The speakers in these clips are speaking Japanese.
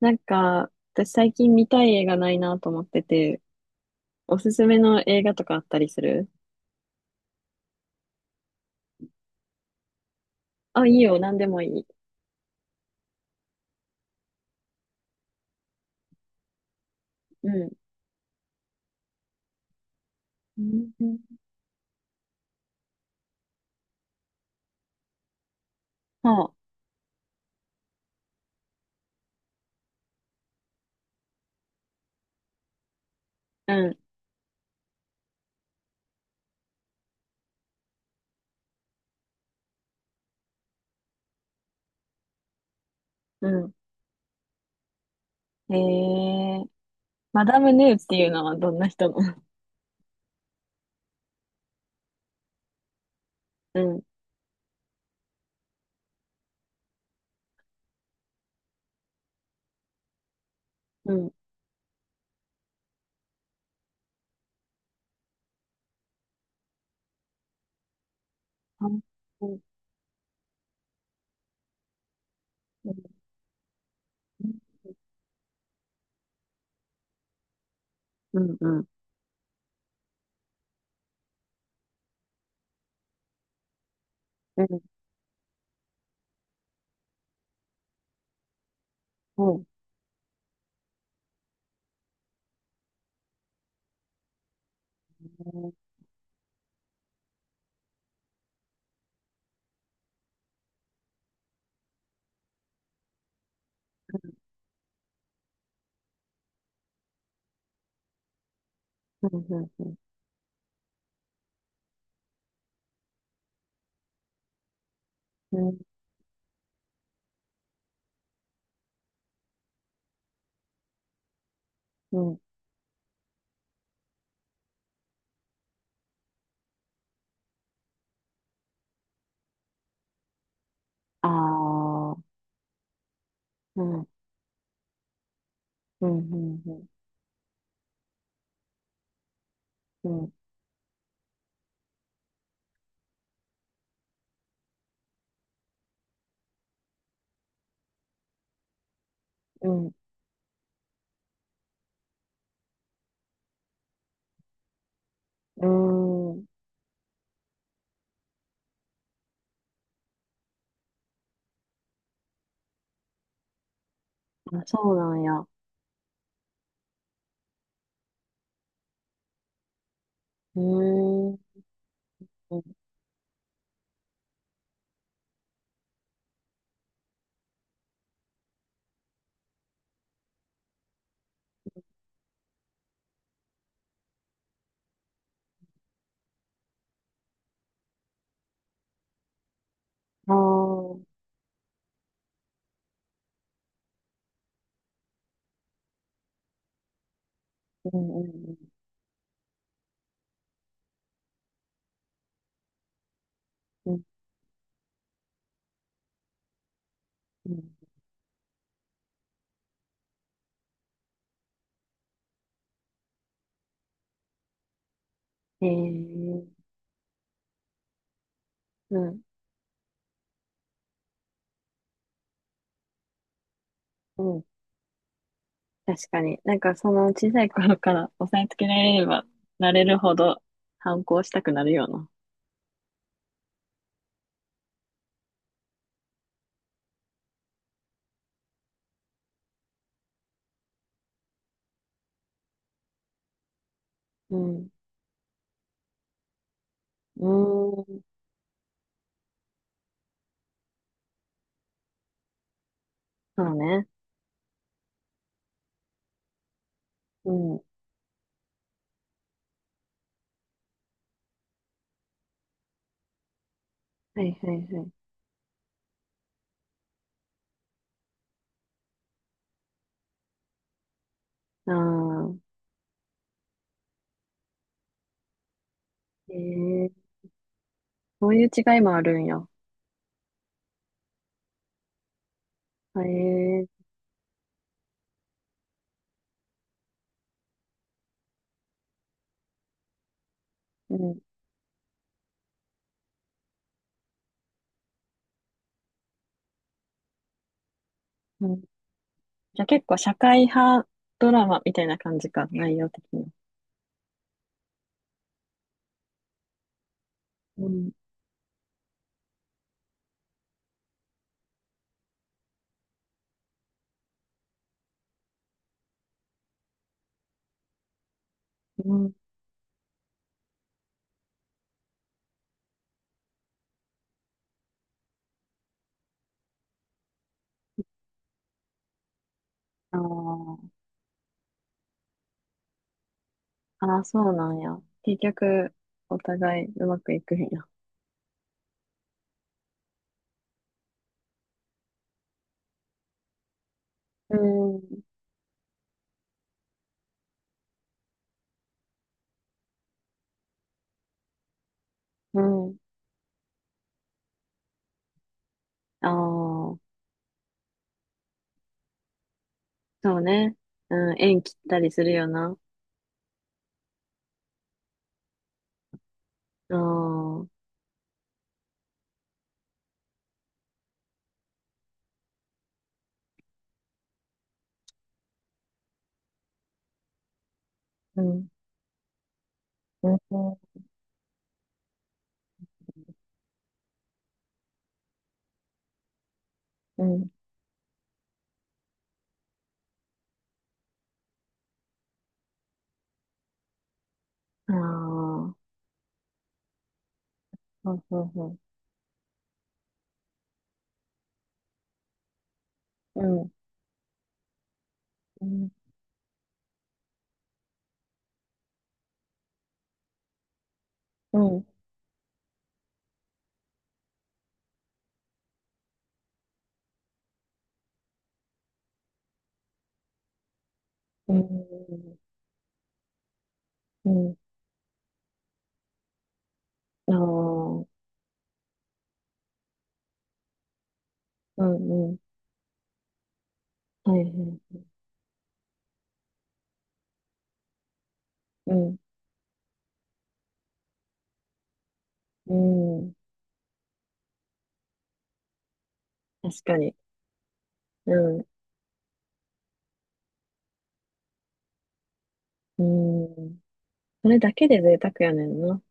なんか、私最近見たい映画ないなと思ってて、おすすめの映画とかあったりする？あ、いいよ、なんでもいい。うん。うん。そう。うん。うん。えー、マダム・ヌーっていうのはどんな人なの？うん。うん。あ。うんうん。うん。うん。うん。うん。うん。うん。うん。うん。ああー。うん。うん。うん。うん。うん。うん。うん。あ、そうなんや。うーん。ああ。うん。うん。うん。うん。うん。ええ。うん。うん。確かに。なんかその小さい頃から押さえつけられればなれるほど反抗したくなるような。うん。うーん。そうね。うん。はい。はい。はい。ああ。ええ。そういう違いもあるんや。へえ。うん。うん。じゃあ結構社会派ドラマみたいな感じか、内容的に。うん。うん。ああ。ああ、そうなんや。結局、お互いうまくいくんや。うん、うん。ああ、そうね。うん、縁切ったりするよな。ああ、うん、うん、うん。うん。ああ、そうそうそう。うん、うん、うん、うん、うん。ああ、うん、うん。はい、はい。うん、うん。確かに。うん、うん。それだけで贅沢やねんな。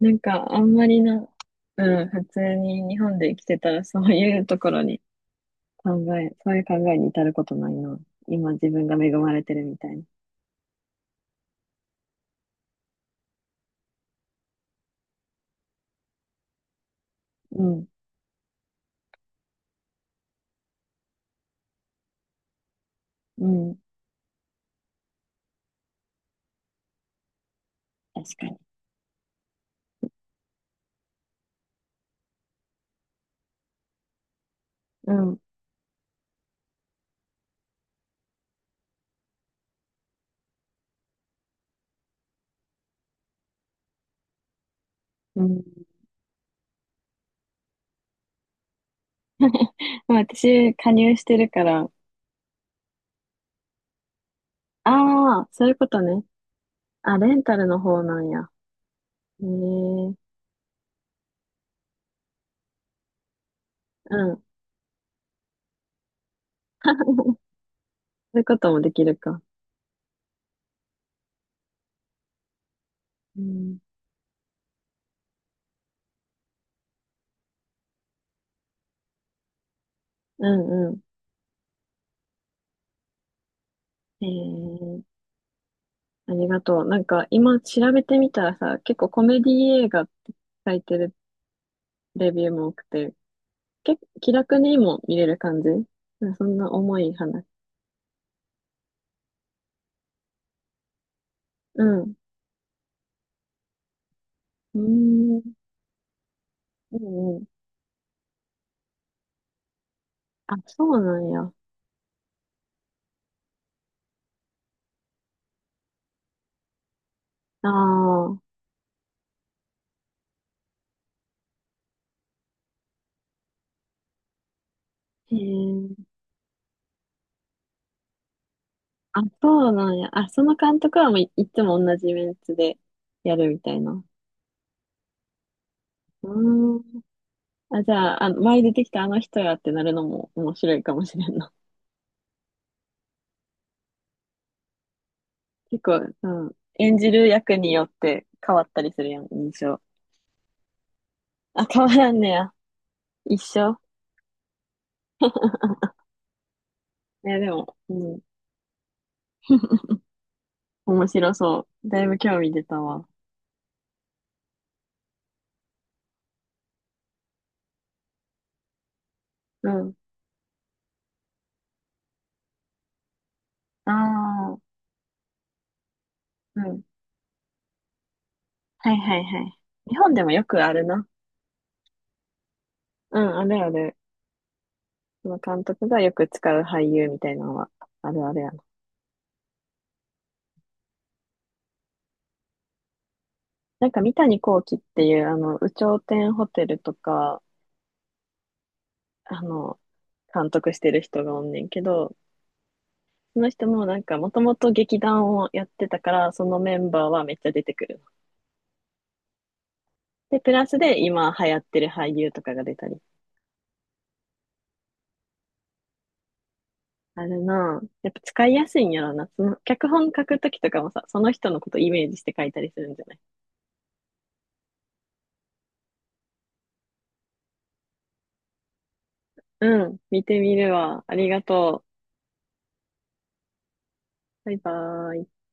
なんか、あんまりな、うん、普通に日本で生きてたらそういうところに考そういう考えに至ることないな。今自分が恵まれてるみたいな。うん、うん、確かに。うん、うん。まあ私、加入してるから、ああ、そういうことね。あ、レンタルの方なんや。へえ、うん。そういうこともできるか。うん、うん、うん。ええ、ありがとう。なんか今調べてみたらさ、結構コメディ映画って書いてるレビューも多くて、結構気楽にも見れる感じ。うんそんな重い話。うん。うーん、うん。うん。あ、そうなんや。ああ、へえ。あ、そうなんや。あ、その監督はもうい、いつも同じメンツでやるみたいな。うーん。あ、じゃあ、前出てきたあの人やってなるのも面白いかもしれんな。結構、うん。演じる役によって変わったりするやん、印象。あ、変わらんねや。一緒。いや、でも、うん。面白そう。だいぶ興味出たわ。うん。ああ、うん。はい。はい。はい。日本でもよくあるな。うん、あるある。その監督がよく使う俳優みたいなのは、あるあるやな。なんか三谷幸喜っていう、有頂天ホテルとか、あの、監督してる人がおんねんけど、その人もなんか、もともと劇団をやってたから、そのメンバーはめっちゃ出てくるの。で、プラスで今流行ってる俳優とかが出たり。あるなぁ。やっぱ使いやすいんやろな。その、脚本書くときとかもさ、その人のことイメージして書いたりするんじゃない？うん、見てみるわ。ありがとう。バイバーイ。